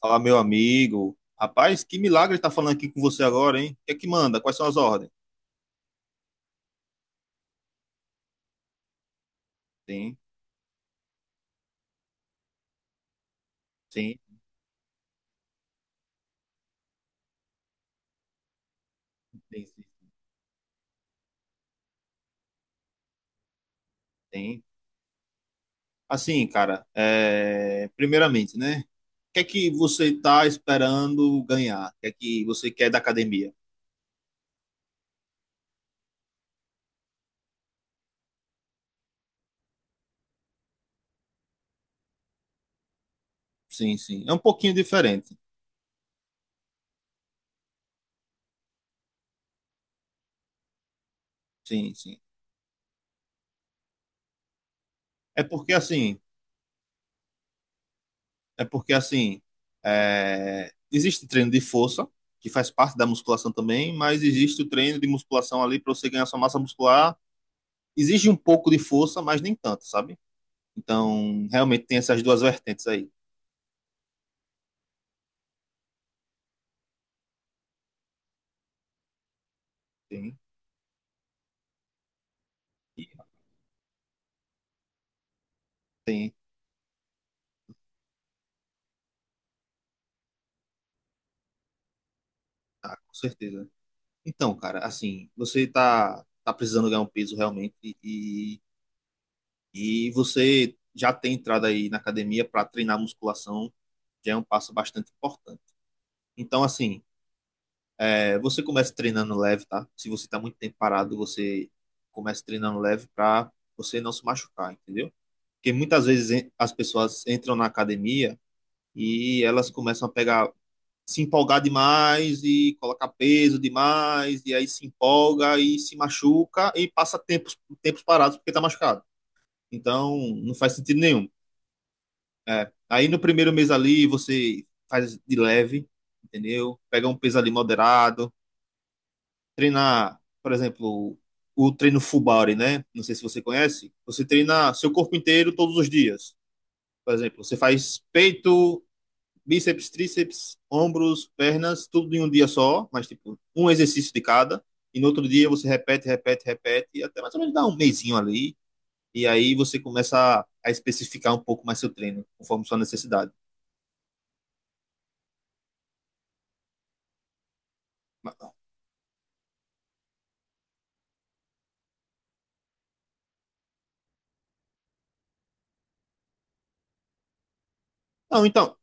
Fala, meu amigo. Rapaz, que milagre tá falando aqui com você agora, hein? O que é que manda? Quais são as ordens? Tem, tem, tem, tem. Tem. Assim, cara, é, primeiramente, né? O que é que você tá esperando ganhar? O que é que você quer da academia? Sim, sim. É um pouquinho diferente. Sim, sim. É porque assim, é porque assim, é, existe treino de força, que faz parte da musculação também, mas existe o treino de musculação ali para você ganhar sua massa muscular, exige um pouco de força, mas nem tanto, sabe? Então, realmente tem essas duas vertentes aí. Tem, e tem, tá, com certeza. Então, cara, assim, você tá precisando ganhar um peso realmente e, e você já tem entrado aí na academia para treinar musculação, já é um passo bastante importante. Então, assim, é, você começa treinando leve, tá? Se você tá muito tempo parado, você começa treinando leve para você não se machucar, entendeu? Porque muitas vezes as pessoas entram na academia e elas começam a pegar, se empolgar demais e colocar peso demais, e aí se empolga e se machuca e passa tempos, tempos parados porque está machucado. Então, não faz sentido nenhum. É. Aí no primeiro mês ali você faz de leve, entendeu? Pega um peso ali moderado, treinar, por exemplo, o treino full body, né? Não sei se você conhece. Você treina seu corpo inteiro todos os dias. Por exemplo, você faz peito, bíceps, tríceps, ombros, pernas, tudo em um dia só, mas tipo, um exercício de cada. E no outro dia você repete, repete, repete, e até mais ou menos dá um mesinho ali. E aí você começa a especificar um pouco mais seu treino, conforme sua necessidade. Não, então,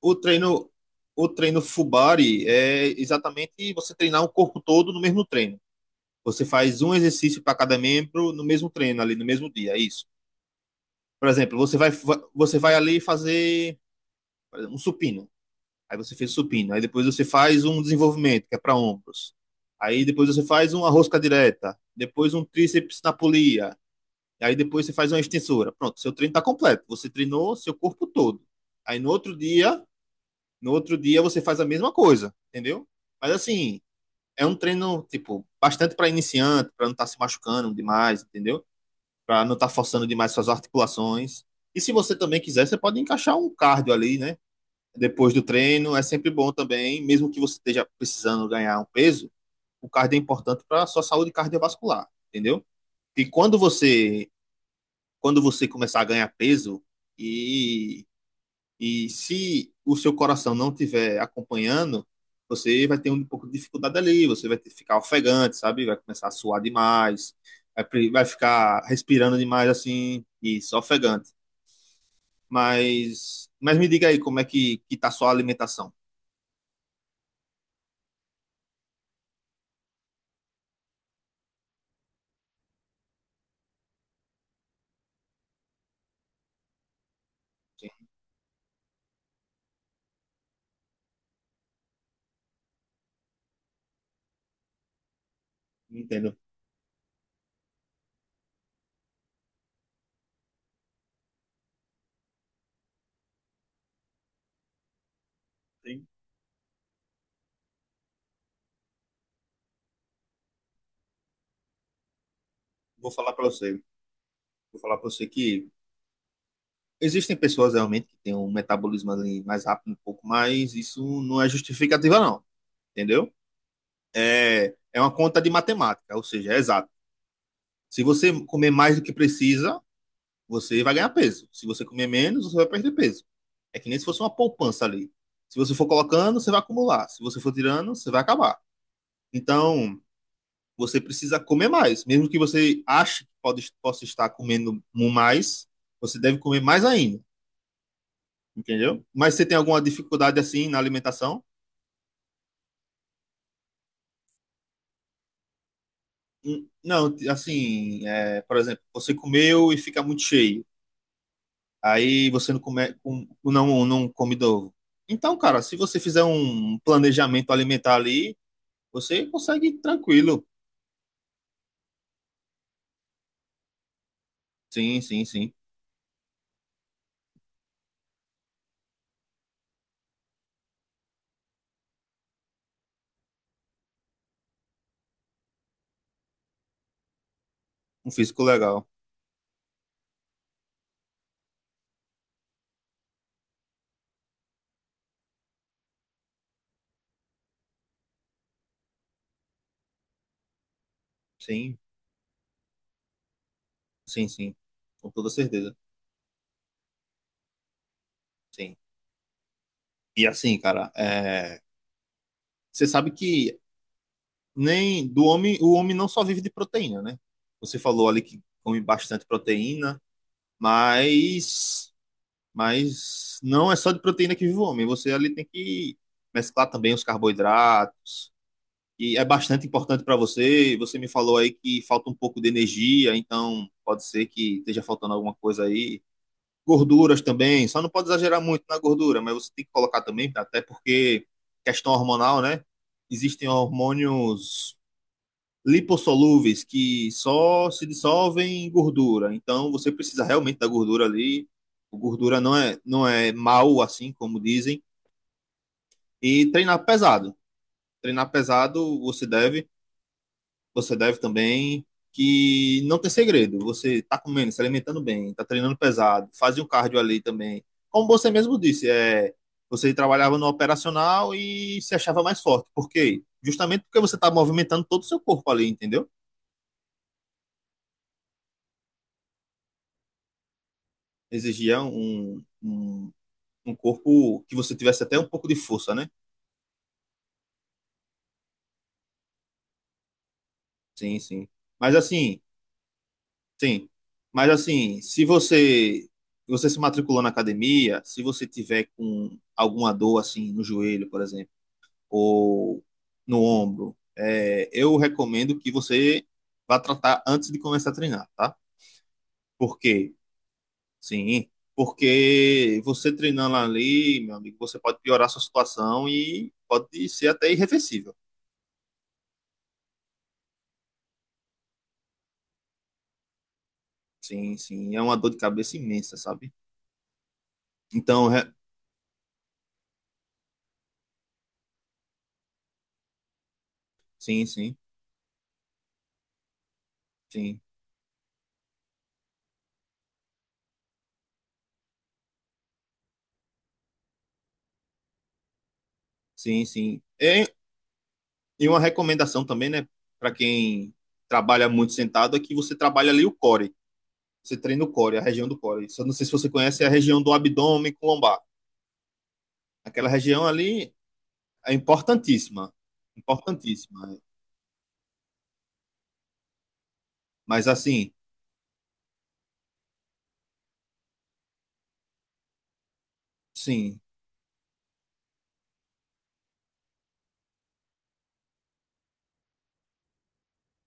o treino, o treino Fubari é exatamente você treinar o corpo todo no mesmo treino. Você faz um exercício para cada membro no mesmo treino ali, no mesmo dia, é isso. Por exemplo, você vai ali fazer um supino. Aí você fez supino. Aí depois você faz um desenvolvimento, que é para ombros. Aí depois você faz uma rosca direta. Depois um tríceps na polia. Aí depois você faz uma extensora. Pronto, seu treino está completo. Você treinou seu corpo todo. Aí no outro dia você faz a mesma coisa, entendeu? Mas assim, é um treino, tipo, bastante para iniciante, para não estar tá se machucando demais, entendeu? Para não estar tá forçando demais suas articulações. E se você também quiser, você pode encaixar um cardio ali, né? Depois do treino é sempre bom também, mesmo que você esteja precisando ganhar um peso, o cardio é importante para a sua saúde cardiovascular, entendeu? E quando você começar a ganhar peso e, e se o seu coração não estiver acompanhando, você vai ter um pouco de dificuldade ali, você vai ter, ficar ofegante, sabe? Vai começar a suar demais, vai, vai ficar respirando demais assim, e só ofegante. Mas me diga aí como é que tá a sua alimentação. Sim, entendo. Tem- Vou falar para você, vou falar para você que existem pessoas realmente que têm um metabolismo ali mais rápido um pouco, mas isso não é justificativa não, entendeu? É, é uma conta de matemática, ou seja, é exato. Se você comer mais do que precisa, você vai ganhar peso. Se você comer menos, você vai perder peso. É que nem se fosse uma poupança ali. Se você for colocando, você vai acumular. Se você for tirando, você vai acabar. Então, você precisa comer mais, mesmo que você ache que pode, possa estar comendo mais, você deve comer mais ainda. Entendeu? Mas você tem alguma dificuldade assim na alimentação? Não, assim, é, por exemplo, você comeu e fica muito cheio. Aí você não come, não, não come novo. Então, cara, se você fizer um planejamento alimentar ali, você consegue tranquilo. Sim, sim, sim. Um físico legal. Sim, sim, sim. Com toda certeza. Sim. E assim, cara, é, você sabe que nem do homem, o homem não só vive de proteína, né? Você falou ali que come bastante proteína. Mas, mas não é só de proteína que vive o homem. Você ali tem que mesclar também os carboidratos. E é bastante importante para você. Você me falou aí que falta um pouco de energia, então pode ser que esteja faltando alguma coisa aí. Gorduras também, só não pode exagerar muito na gordura, mas você tem que colocar também, até porque questão hormonal, né? Existem hormônios lipossolúveis que só se dissolvem em gordura. Então você precisa realmente da gordura ali. O gordura não é mal assim como dizem, e treinar pesado. Treinar pesado você deve também, que não tem segredo. Você está comendo, se alimentando bem, está treinando pesado, faz um cardio ali também. Como você mesmo disse, é, você trabalhava no operacional e se achava mais forte. Por quê? Justamente porque você está movimentando todo o seu corpo ali, entendeu? Exigia um corpo que você tivesse até um pouco de força, né? Sim, sim. Mas assim, sim. Mas assim, se você você se matriculou na academia, se você tiver com alguma dor assim no joelho, por exemplo, ou no ombro, é, eu recomendo que você vá tratar antes de começar a treinar, tá? Por quê? Sim, porque você treinando ali, meu amigo, você pode piorar a sua situação e pode ser até irreversível. Sim, sim. É uma dor de cabeça imensa, sabe? Então, re- sim, sim, sim, sim, sim. E uma recomendação também, né, para quem trabalha muito sentado, é que você trabalha ali o core. Você treina o core, a região do core. Só não sei se você conhece é a região do abdômen com lombar. Aquela região ali é importantíssima, importantíssima. Mas assim, sim.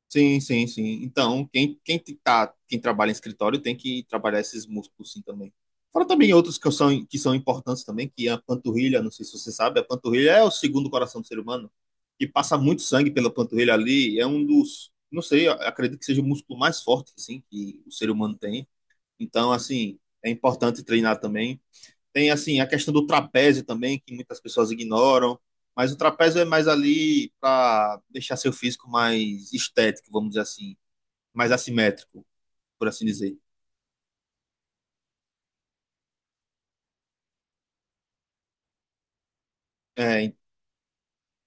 Sim, sim, sim. Então, quem trabalha em escritório tem que trabalhar esses músculos sim também. Fora também outros que são importantes também, que é a panturrilha, não sei se você sabe, a panturrilha é o segundo coração do ser humano, que passa muito sangue pela panturrilha ali, é um dos, não sei, eu acredito que seja o músculo mais forte, assim, que o ser humano tem. Então, assim, é importante treinar também. Tem assim a questão do trapézio também, que muitas pessoas ignoram, mas o trapézio é mais ali para deixar seu físico mais estético, vamos dizer assim, mais assimétrico, por assim dizer. É,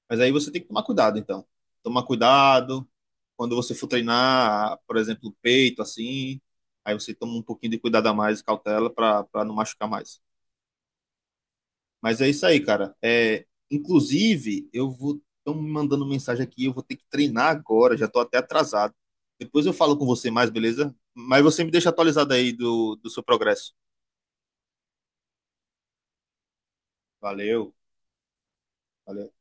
mas aí você tem que tomar cuidado, então. Tomar cuidado quando você for treinar, por exemplo, peito, assim, aí você toma um pouquinho de cuidado a mais, cautela, para não machucar mais. Mas é isso aí, cara. É, inclusive, eu vou. Estão me mandando mensagem aqui, eu vou ter que treinar agora, já tô até atrasado. Depois eu falo com você mais, beleza? Mas você me deixa atualizado aí do, do seu progresso. Valeu, valeu.